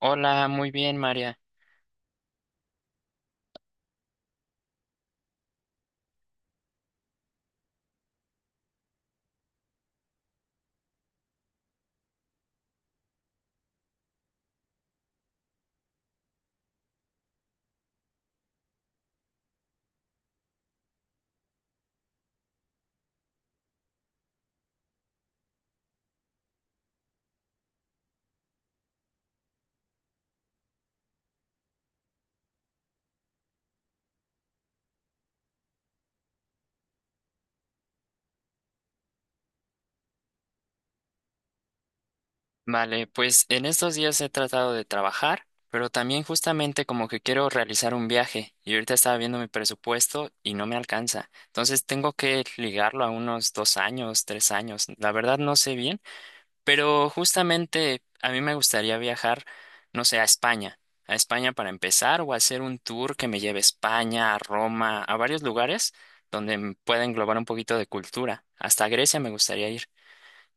Hola, muy bien, María. Vale, pues en estos días he tratado de trabajar, pero también justamente como que quiero realizar un viaje y ahorita estaba viendo mi presupuesto y no me alcanza. Entonces tengo que ligarlo a unos 2 años, 3 años. La verdad no sé bien, pero justamente a mí me gustaría viajar, no sé, a España. A España para empezar o hacer un tour que me lleve a España, a Roma, a varios lugares donde pueda englobar un poquito de cultura. Hasta Grecia me gustaría ir.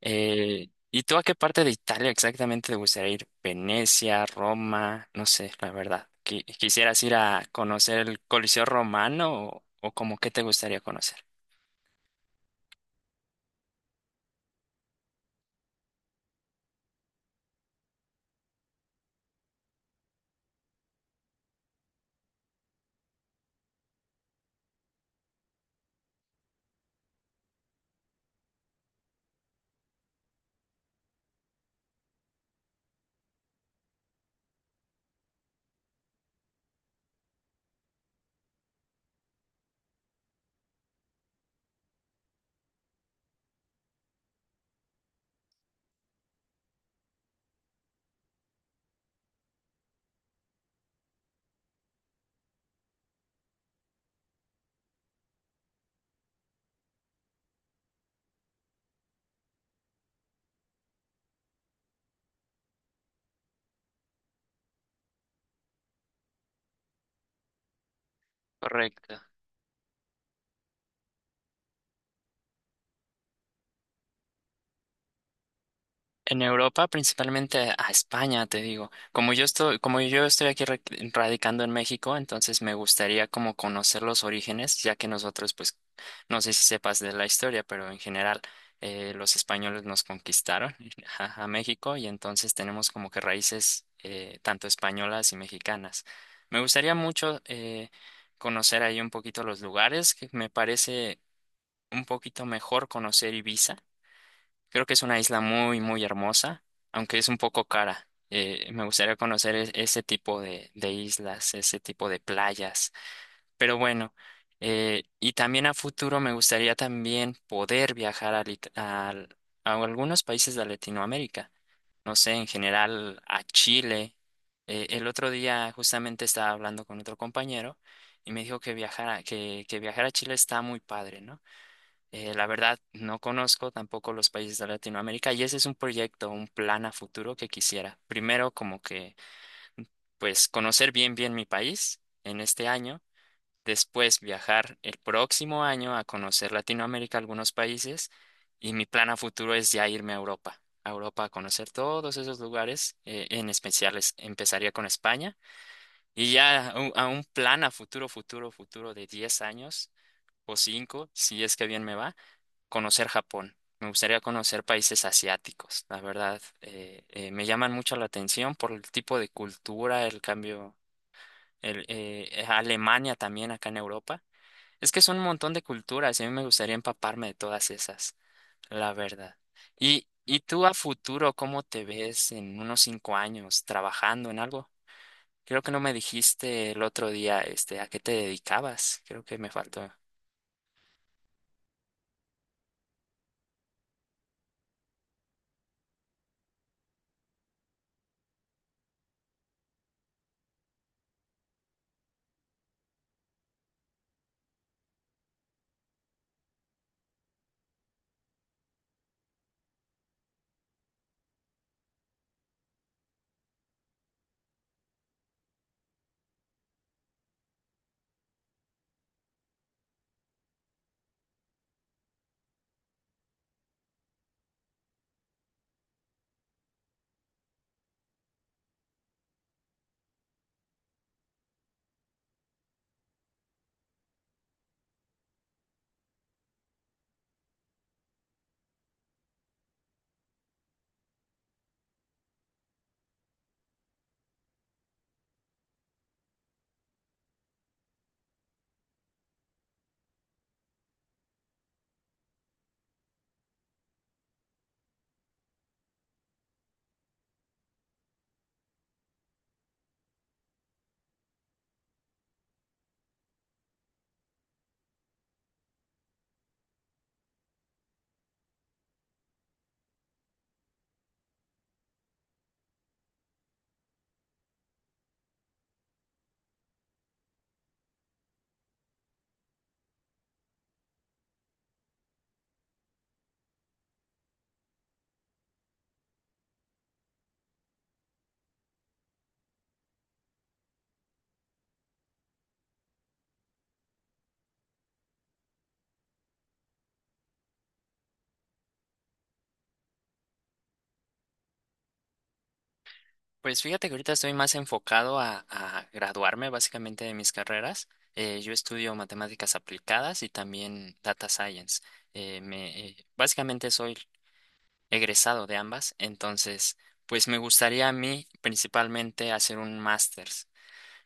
¿Y tú a qué parte de Italia exactamente te gustaría ir? Venecia, Roma, no sé, la verdad. ¿Quisieras ir a conocer el Coliseo Romano o como qué te gustaría conocer? Correcto. En Europa, principalmente a España, te digo. Como yo estoy aquí radicando en México, entonces me gustaría como conocer los orígenes, ya que nosotros, pues, no sé si sepas de la historia, pero en general los españoles nos conquistaron a México y entonces tenemos como que raíces tanto españolas y mexicanas. Me gustaría mucho conocer ahí un poquito los lugares, que me parece un poquito mejor conocer Ibiza. Creo que es una isla muy, muy hermosa, aunque es un poco cara. Me gustaría conocer ese tipo de islas, ese tipo de playas. Pero bueno, y también a futuro me gustaría también poder viajar a algunos países de Latinoamérica. No sé, en general a Chile. El otro día justamente estaba hablando con otro compañero y me dijo que viajar a Chile está muy padre, ¿no? La verdad, no conozco tampoco los países de Latinoamérica y ese es un proyecto, un plan a futuro que quisiera. Primero, pues, conocer bien, bien mi país en este año. Después, viajar el próximo año a conocer Latinoamérica, algunos países. Y mi plan a futuro es ya irme a Europa, a Europa a conocer todos esos lugares. En especial, empezaría con España. Y ya a un plan a futuro, futuro, futuro de 10 años o 5 si es que bien me va conocer Japón. Me gustaría conocer países asiáticos, la verdad. Me llaman mucho la atención por el tipo de cultura, el cambio, Alemania también acá en Europa. Es que son un montón de culturas y a mí me gustaría empaparme de todas esas, la verdad. ¿Y tú a futuro, ¿cómo te ves en unos 5 años trabajando en algo? Creo que no me dijiste el otro día, este, a qué te dedicabas. Creo que me faltó. Pues fíjate que ahorita estoy más enfocado a graduarme básicamente de mis carreras. Yo estudio matemáticas aplicadas y también data science. Básicamente soy egresado de ambas, entonces pues me gustaría a mí principalmente hacer un máster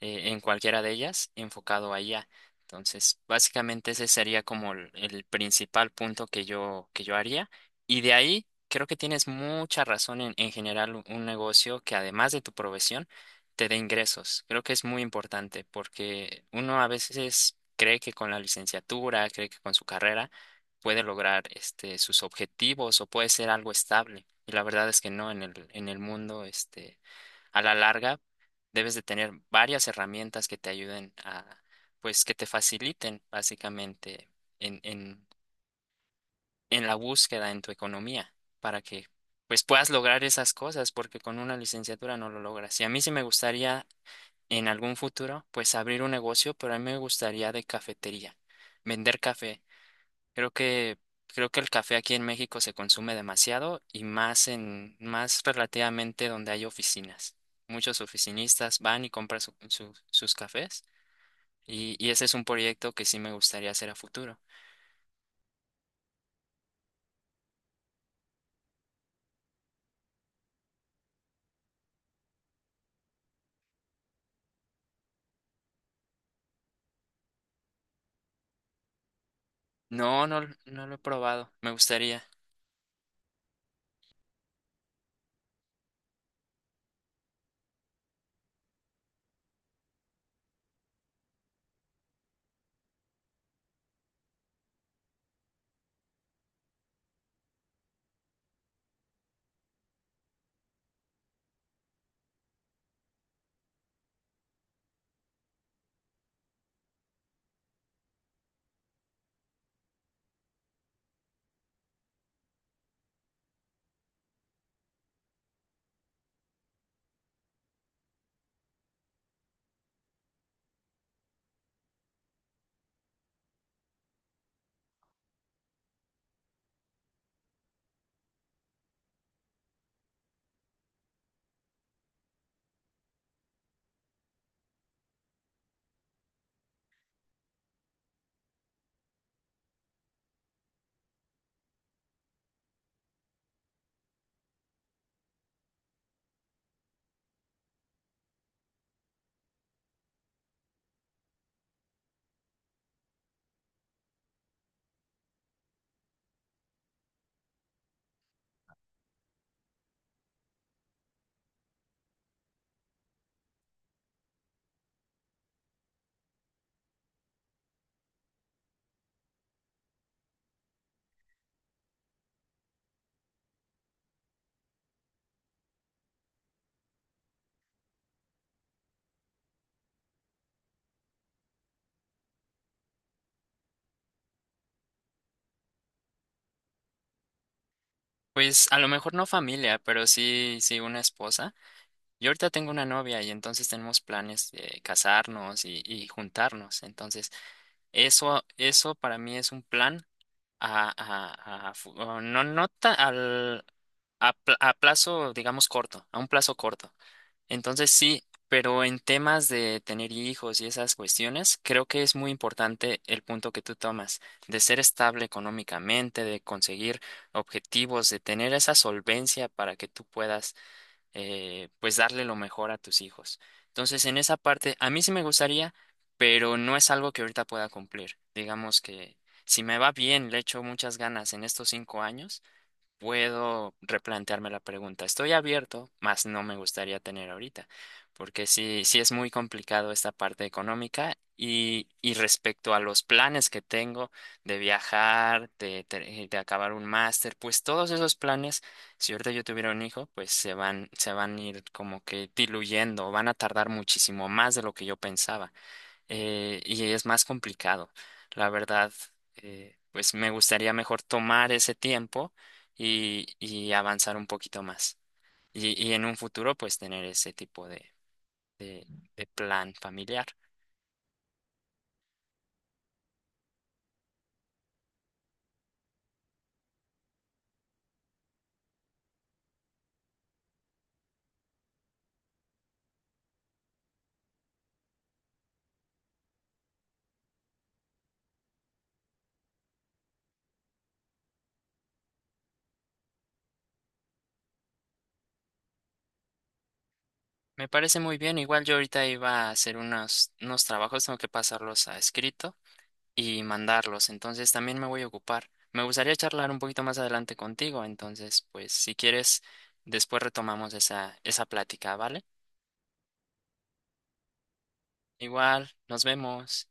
en cualquiera de ellas enfocado allá. Entonces, básicamente ese sería como el principal punto que que yo haría. Y de ahí, creo que tienes mucha razón en generar un negocio que además de tu profesión, te dé ingresos. Creo que es muy importante porque uno a veces cree que con la licenciatura, cree que con su carrera puede lograr este, sus objetivos o puede ser algo estable. Y la verdad es que no, en en el mundo, este, a la larga debes de tener varias herramientas que te ayuden a, pues, que te faciliten básicamente en, en, en la búsqueda en tu economía para que, pues, puedas lograr esas cosas, porque con una licenciatura no lo logras. Y a mí sí me gustaría en algún futuro, pues, abrir un negocio, pero a mí me gustaría de cafetería, vender café. Creo que, Creo que el café aquí en México se consume demasiado y más en, más relativamente donde hay oficinas. Muchos oficinistas van y compran sus cafés y ese es un proyecto que sí me gustaría hacer a futuro. No, no, no lo he probado, me gustaría. Pues a lo mejor no familia, pero sí, sí una esposa. Yo ahorita tengo una novia y entonces tenemos planes de casarnos y juntarnos. Entonces, eso para mí es un plan a fu- o no, no ta- al, a, pl- a plazo, digamos, corto, a un plazo corto. Entonces sí, pero en temas de tener hijos y esas cuestiones, creo que es muy importante el punto que tú tomas, de ser estable económicamente, de conseguir objetivos, de tener esa solvencia para que tú puedas pues darle lo mejor a tus hijos. Entonces, en esa parte, a mí sí me gustaría, pero no es algo que ahorita pueda cumplir. Digamos que si me va bien, le echo muchas ganas en estos 5 años puedo replantearme la pregunta. Estoy abierto, mas no me gustaría tener ahorita, porque sí, sí es muy complicado esta parte económica y respecto a los planes que tengo de viajar, de acabar un máster, pues todos esos planes, si ahorita yo tuviera un hijo, pues se van a ir como que diluyendo, van a tardar muchísimo más de lo que yo pensaba y es más complicado. La verdad, pues me gustaría mejor tomar ese tiempo y avanzar un poquito más. Y en un futuro, pues tener ese tipo de, de plan familiar. Me parece muy bien. Igual yo ahorita iba a hacer unos trabajos, tengo que pasarlos a escrito y mandarlos. Entonces también me voy a ocupar. Me gustaría charlar un poquito más adelante contigo. Entonces, pues si quieres, después retomamos esa plática, ¿vale? Igual, nos vemos.